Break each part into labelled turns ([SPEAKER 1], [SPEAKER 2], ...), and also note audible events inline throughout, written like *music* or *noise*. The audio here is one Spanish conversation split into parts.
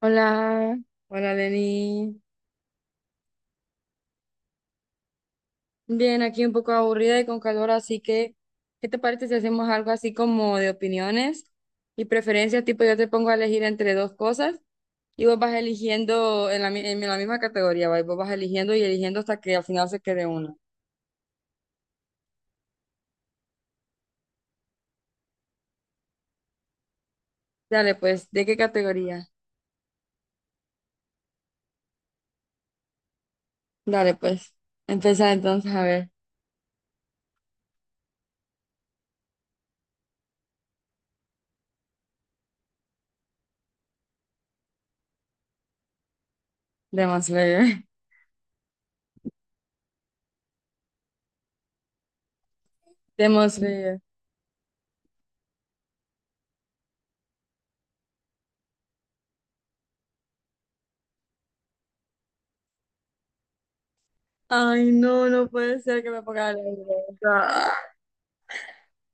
[SPEAKER 1] Hola, hola Lenny. Bien, aquí un poco aburrida y con calor, así que, ¿qué te parece si hacemos algo así como de opiniones y preferencias? Tipo, yo te pongo a elegir entre dos cosas y vos vas eligiendo en la misma categoría, ¿va? Y vos vas eligiendo y eligiendo hasta que al final se quede uno. Dale, pues, ¿de qué categoría? Dale, pues, empieza entonces a ver. Demon Slayer. *laughs* Demon Slayer. Ay, no, no puede ser que me ponga la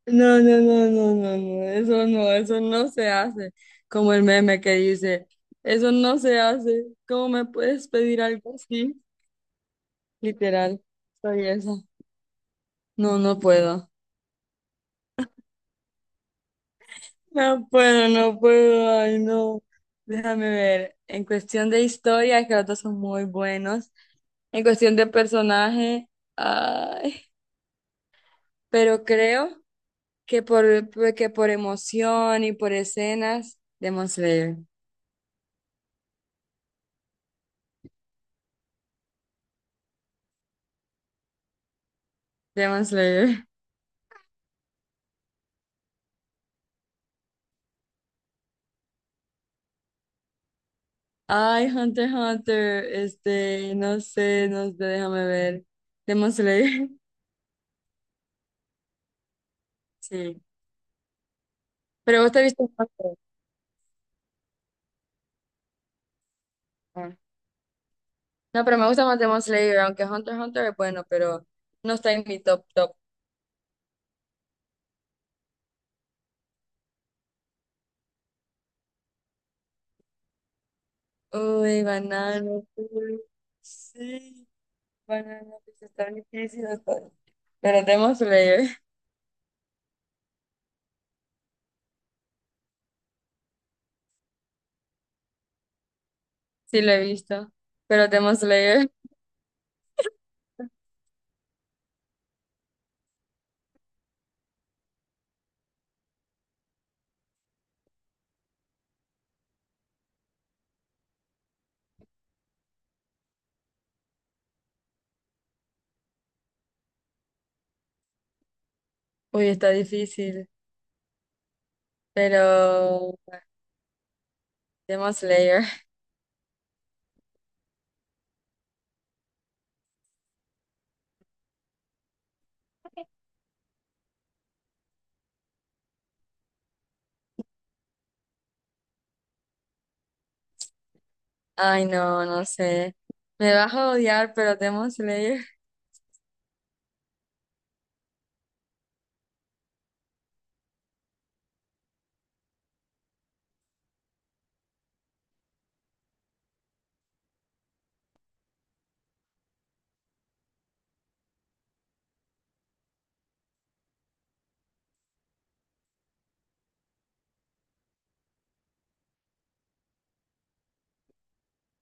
[SPEAKER 1] No, no, no, no, no, no, eso no, eso no se hace. Como el meme que dice, eso no se hace. ¿Cómo me puedes pedir algo así? Literal, soy esa. No, no puedo. No puedo, no puedo, ay, no. Déjame ver. En cuestión de historia, que los dos son muy buenos. En cuestión de personaje, ay, pero creo que por, que por emoción y por escenas, Demon Slayer. Demon Slayer. Ay, Hunter x Hunter, este, no sé, no sé, déjame ver. Demon Slayer, *laughs* sí. Pero vos te viste Hunter. Ah. No, pero me gusta más Demon Slayer, aunque Hunter x Hunter es bueno, pero no está en mi top top. Uy, banano, uy, sí, banano, pues está difícil. Pero Demon Slayer, *laughs* sí lo he visto. Pero Demon Slayer, uy, está difícil. Pero Demon Slayer. Ay, no, no sé. Me vas a odiar, pero Demon Slayer. *laughs*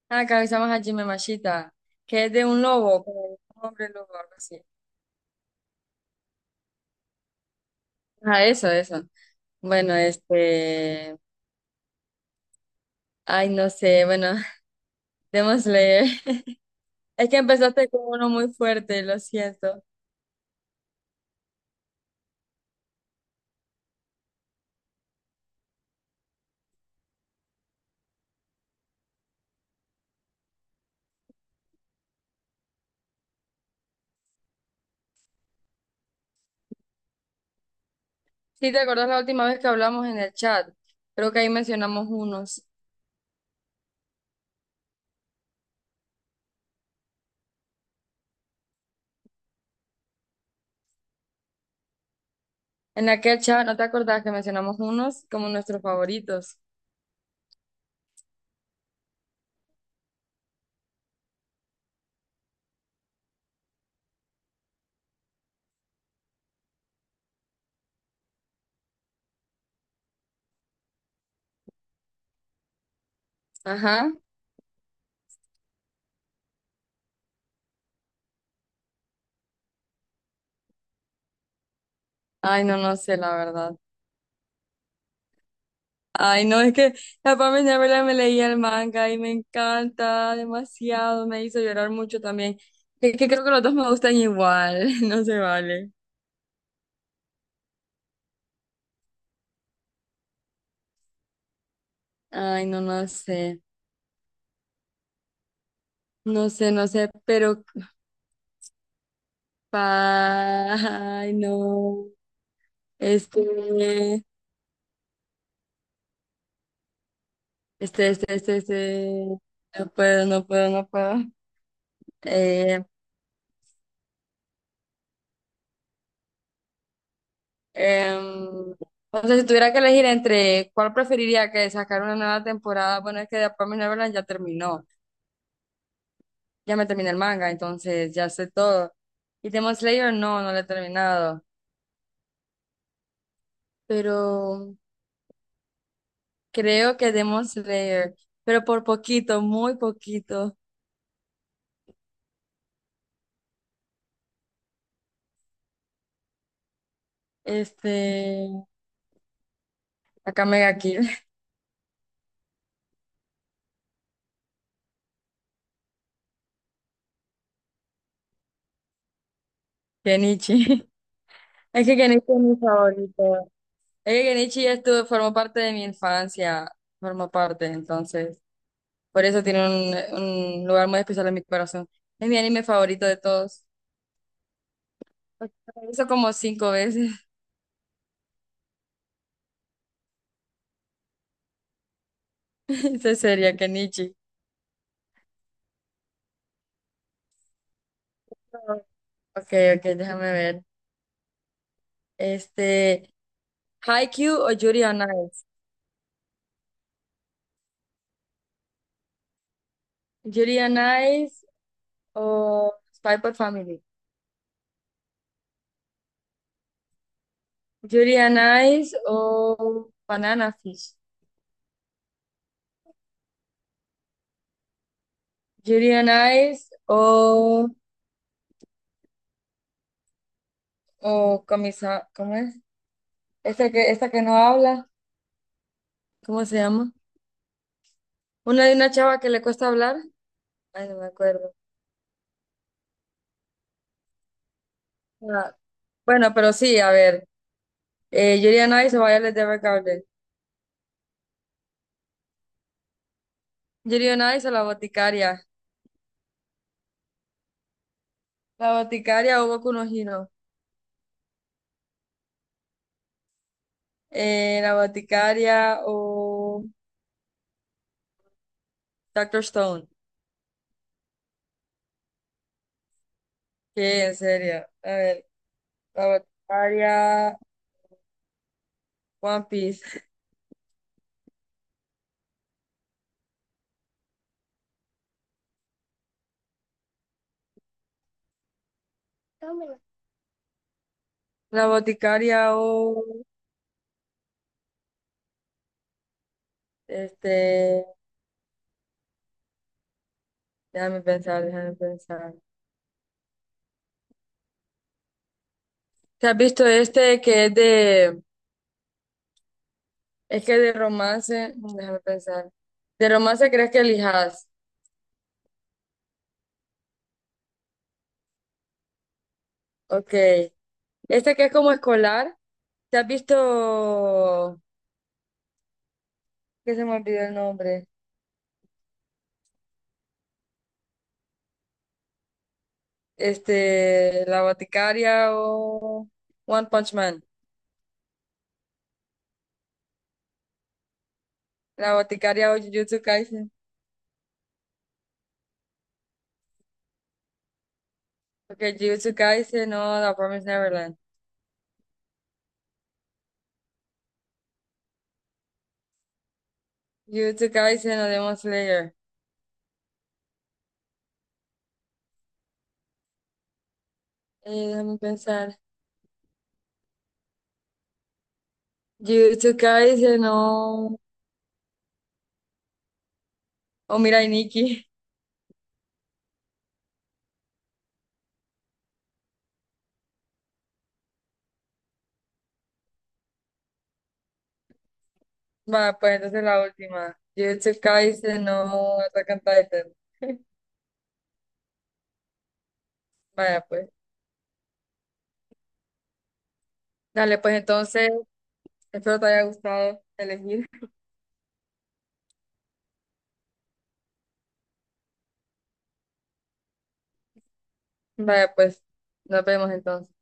[SPEAKER 1] Ah, que a Jimmy Mashita, que es de un lobo, como de un hombre lobo, algo así. Ah, eso, eso. Bueno, este. Ay, no sé, bueno, *laughs* Demon Slayer. Es que empezaste con uno muy fuerte, lo siento. Sí, ¿te acordás la última vez que hablamos en el chat? Creo que ahí mencionamos unos. En aquel chat, ¿no te acordás que mencionamos unos como nuestros favoritos? Ajá. Ay, no, no sé, la verdad. Ay, no, es que la Pamela Neverland me leía el manga y me encanta demasiado, me hizo llorar mucho también. Es que creo que los dos me gustan igual, *laughs* no se vale. Ay, no, no sé, no sé, no sé, pero, pa- ay, no, este, este, este, este, este, no puedo, no puedo, no puedo. Eh, em, o sea, si tuviera que elegir entre cuál preferiría que sacar una nueva temporada, bueno, es que The Promised Neverland ya terminó. Ya me terminé el manga, entonces ya sé todo. Y Demon Slayer no, no lo he terminado, pero creo que Demon Slayer, pero por poquito, muy poquito, este, acá Mega Kill, *laughs* Genichi. Es que Genichi es mi favorito. Es que Genichi ya estuvo, formó parte de mi infancia, formó parte, entonces, por eso tiene un lugar muy especial en mi corazón. Es mi anime favorito de todos. Lo hizo como 5 veces. *laughs* Ese sería Kenichi. Ok, ok, déjame ver. Este, Haikyuu o Yuri on Ice. Yuri on Ice o Spy x Family. Yuri on Ice o Banana Fish. Yuri on Ice o Comisa, ¿cómo es? Esta que no habla, ¿cómo se llama? Una de una chava que le cuesta hablar. Ay, no me acuerdo. Ah, bueno, pero sí, a ver. Yuri on Ice o Violet Evergarden. Yuri on Ice o La Boticaria. La Boticaria o Boku no Hero. La boticaria o Doctor Stone. ¿Qué? En serio. A ver, la boticaria, One Piece. Dámela. La boticaria o este, déjame pensar, déjame pensar. ¿Te has visto este que es de, es que de romance? No, déjame pensar. ¿De romance crees que elijas? Ok. Este que es como escolar. ¿Te has visto? Que se me olvidó el nombre. Este, La Boticaria o One Punch Man. La Boticaria o Jujutsu Kaisen. Porque Jujutsu Kaisen o The Promised Neverland. Jujutsu Kaisen o Demon Slayer. Déjame pensar. Jujutsu Kaisen o, o Mirai Nikki. *laughs* Vaya, pues entonces la última. Jujutsu Kaisen o Attack on Titan. Vaya, pues. Dale, pues entonces, espero te haya gustado elegir. *laughs* Vaya, pues, nos vemos entonces.